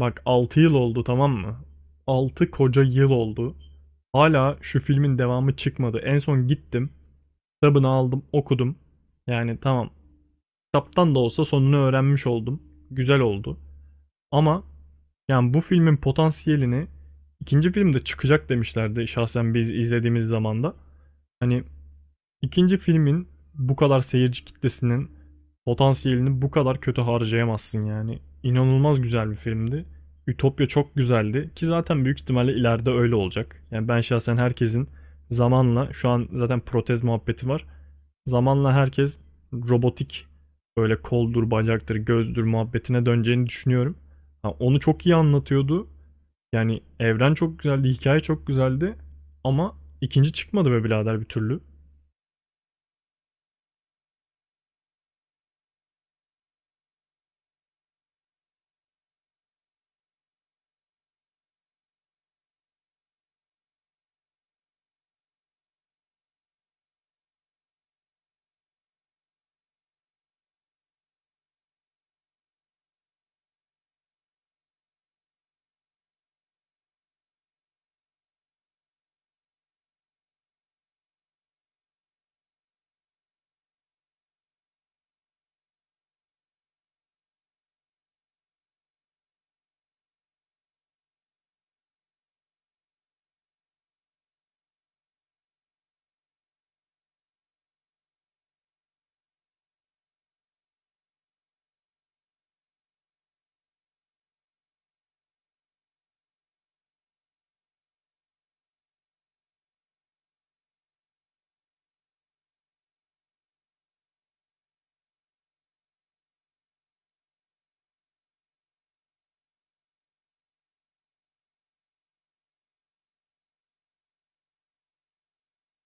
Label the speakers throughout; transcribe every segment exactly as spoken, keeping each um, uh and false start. Speaker 1: Bak altı yıl oldu, tamam mı? Altı koca yıl oldu. Hala şu filmin devamı çıkmadı. En son gittim. Kitabını aldım, okudum. Yani tamam. Kitaptan da olsa sonunu öğrenmiş oldum. Güzel oldu. Ama yani bu filmin potansiyelini ikinci filmde çıkacak demişlerdi şahsen biz izlediğimiz zamanda. Hani İkinci filmin bu kadar seyirci kitlesinin potansiyelini bu kadar kötü harcayamazsın yani. İnanılmaz güzel bir filmdi. Ütopya çok güzeldi ki zaten büyük ihtimalle ileride öyle olacak. Yani ben şahsen herkesin zamanla, şu an zaten protez muhabbeti var. Zamanla herkes robotik, böyle koldur, bacaktır, gözdür muhabbetine döneceğini düşünüyorum. Ha, onu çok iyi anlatıyordu. Yani evren çok güzeldi, hikaye çok güzeldi ama ikinci çıkmadı be birader bir türlü.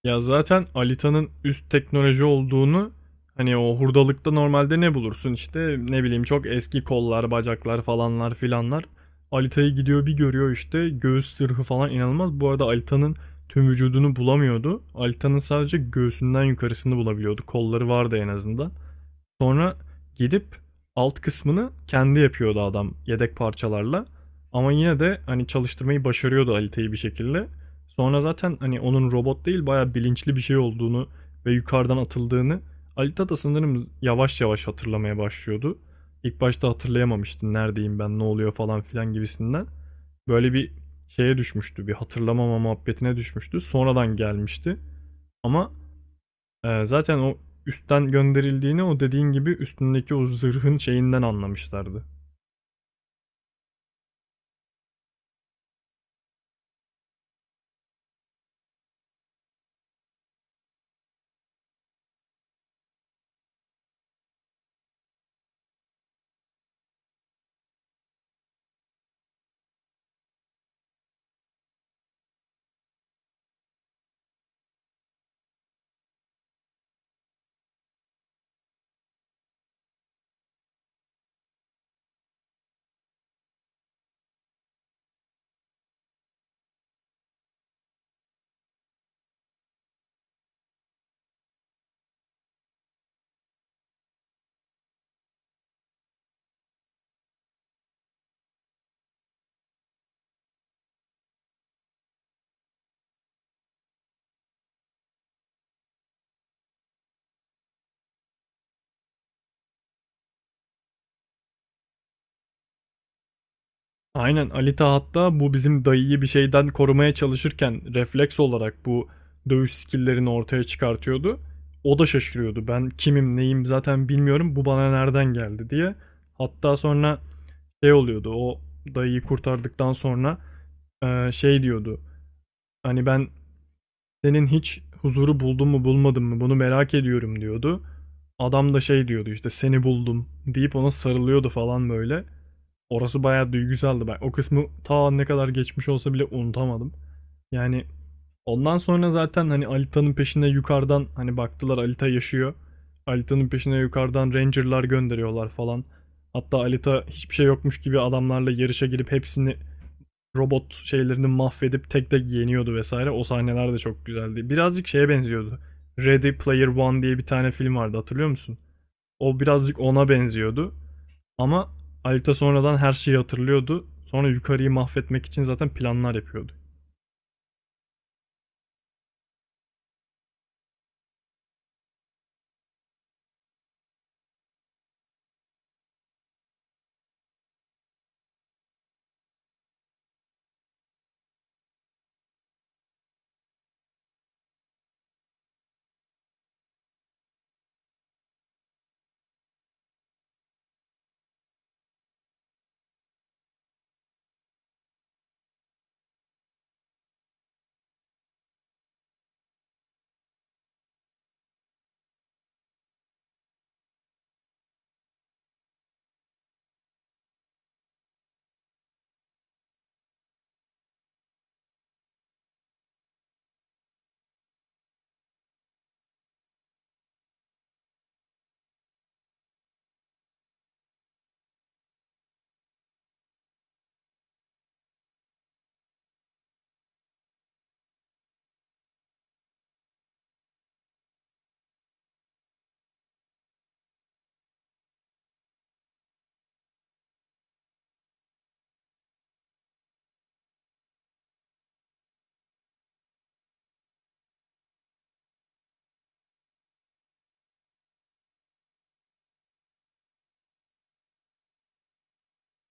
Speaker 1: Ya zaten Alita'nın üst teknoloji olduğunu, hani o hurdalıkta normalde ne bulursun, işte ne bileyim, çok eski kollar, bacaklar falanlar filanlar. Alita'yı gidiyor bir görüyor, işte göğüs sırhı falan inanılmaz. Bu arada Alita'nın tüm vücudunu bulamıyordu. Alita'nın sadece göğsünden yukarısını bulabiliyordu. Kolları vardı en azından. Sonra gidip alt kısmını kendi yapıyordu adam, yedek parçalarla. Ama yine de hani çalıştırmayı başarıyordu Alita'yı bir şekilde. Sonra zaten hani onun robot değil bayağı bilinçli bir şey olduğunu ve yukarıdan atıldığını Alita da sanırım yavaş yavaş hatırlamaya başlıyordu. İlk başta hatırlayamamıştı, neredeyim ben, ne oluyor falan filan gibisinden. Böyle bir şeye düşmüştü, bir hatırlamama muhabbetine düşmüştü. Sonradan gelmişti. Ama Eee, zaten o üstten gönderildiğini, o dediğin gibi, üstündeki o zırhın şeyinden anlamışlardı. Aynen, Alita hatta bu bizim dayıyı bir şeyden korumaya çalışırken refleks olarak bu dövüş skill'lerini ortaya çıkartıyordu. O da şaşırıyordu. Ben kimim neyim zaten bilmiyorum, bu bana nereden geldi diye. Hatta sonra şey oluyordu, o dayıyı kurtardıktan sonra e, şey diyordu. Hani ben Senin hiç huzuru buldun mu bulmadın mı, bunu merak ediyorum diyordu. Adam da şey diyordu, işte seni buldum deyip ona sarılıyordu falan böyle. Orası bayağı duygusaldı. Ben o kısmı ta ne kadar geçmiş olsa bile unutamadım. Yani ondan sonra zaten hani Alita'nın peşine yukarıdan, hani baktılar Alita yaşıyor. Alita'nın peşine yukarıdan Ranger'lar gönderiyorlar falan. Hatta Alita hiçbir şey yokmuş gibi adamlarla yarışa girip hepsini, robot şeylerini mahvedip tek tek yeniyordu vesaire. O sahneler de çok güzeldi. Birazcık şeye benziyordu. Ready Player One diye bir tane film vardı, hatırlıyor musun? O birazcık ona benziyordu. Ama Alita sonradan her şeyi hatırlıyordu. Sonra yukarıyı mahvetmek için zaten planlar yapıyordu.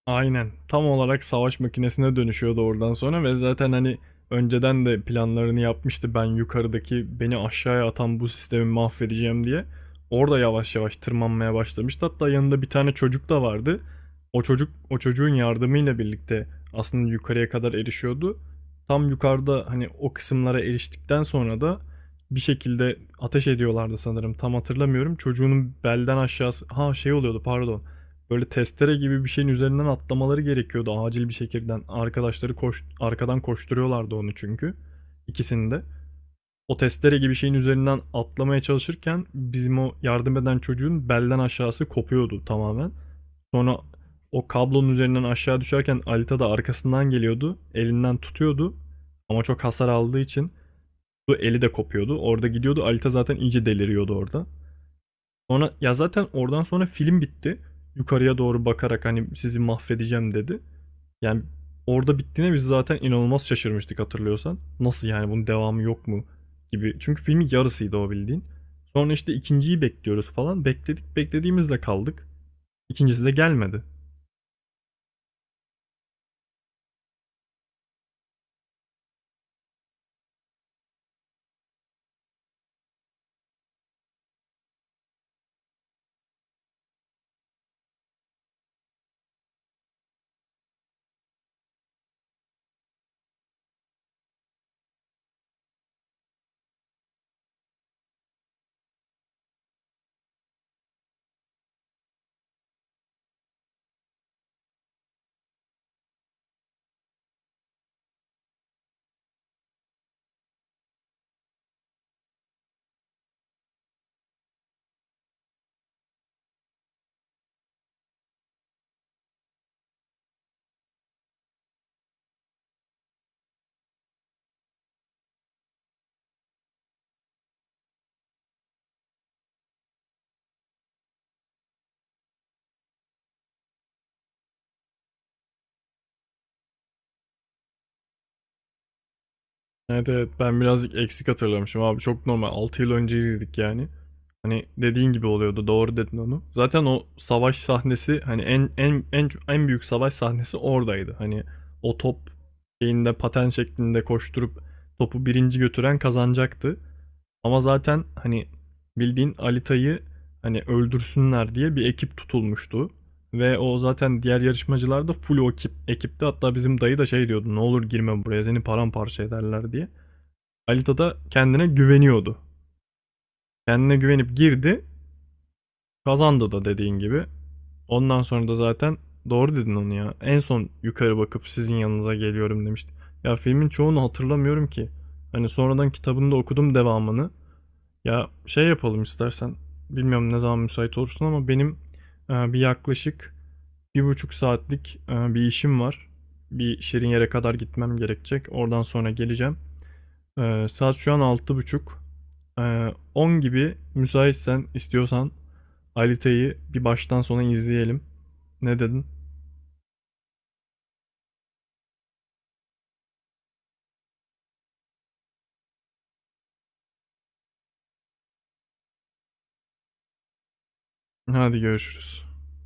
Speaker 1: Aynen. Tam olarak savaş makinesine dönüşüyordu oradan sonra ve zaten hani önceden de planlarını yapmıştı, ben yukarıdaki beni aşağıya atan bu sistemi mahvedeceğim diye. Orada yavaş yavaş tırmanmaya başlamıştı. Hatta yanında bir tane çocuk da vardı. O çocuk o çocuğun yardımıyla birlikte aslında yukarıya kadar erişiyordu. Tam yukarıda hani o kısımlara eriştikten sonra da bir şekilde ateş ediyorlardı sanırım. Tam hatırlamıyorum. Çocuğunun belden aşağısı, ha şey oluyordu, pardon. Böyle testere gibi bir şeyin üzerinden atlamaları gerekiyordu acil bir şekilde. Arkadaşları koş, arkadan koşturuyorlardı onu çünkü. İkisini de. O testere gibi şeyin üzerinden atlamaya çalışırken bizim o yardım eden çocuğun belden aşağısı kopuyordu tamamen. Sonra o kablonun üzerinden aşağı düşerken Alita da arkasından geliyordu. Elinden tutuyordu. Ama çok hasar aldığı için bu eli de kopuyordu. Orada gidiyordu. Alita zaten iyice deliriyordu orada. Sonra ya zaten oradan sonra film bitti. Yukarıya doğru bakarak hani sizi mahvedeceğim dedi. Yani orada bittiğine biz zaten inanılmaz şaşırmıştık, hatırlıyorsan. Nasıl yani, bunun devamı yok mu gibi. Çünkü filmin yarısıydı o, bildiğin. Sonra işte ikinciyi bekliyoruz falan. Bekledik, beklediğimizde kaldık. İkincisi de gelmedi. Evet evet, ben birazcık eksik hatırlamışım abi, çok normal, altı yıl önce izledik yani. Hani dediğin gibi oluyordu, doğru dedin onu. Zaten o savaş sahnesi, hani en en en en büyük savaş sahnesi oradaydı. Hani o top şeyinde paten şeklinde koşturup topu birinci götüren kazanacaktı. Ama zaten hani bildiğin Alita'yı hani öldürsünler diye bir ekip tutulmuştu. Ve o zaten, diğer yarışmacılar da full o ekip, ekipti. Hatta bizim dayı da şey diyordu, ne olur girme buraya, seni paramparça ederler diye. Alita da kendine güveniyordu. Kendine güvenip girdi. Kazandı da, dediğin gibi. Ondan sonra da zaten, doğru dedin onu ya. En son yukarı bakıp sizin yanınıza geliyorum demişti. Ya filmin çoğunu hatırlamıyorum ki. Hani sonradan kitabını da okudum, devamını. Ya şey yapalım istersen. Bilmiyorum ne zaman müsait olursun ama benim e, bir yaklaşık bir buçuk saatlik e, bir işim var. Bir şirin yere kadar gitmem gerekecek. Oradan sonra geleceğim. Ee, saat şu an altı buçuk. Ee, on gibi müsaitsen, istiyorsan Alite'yi bir baştan sona izleyelim. Ne dedin? Hadi görüşürüz.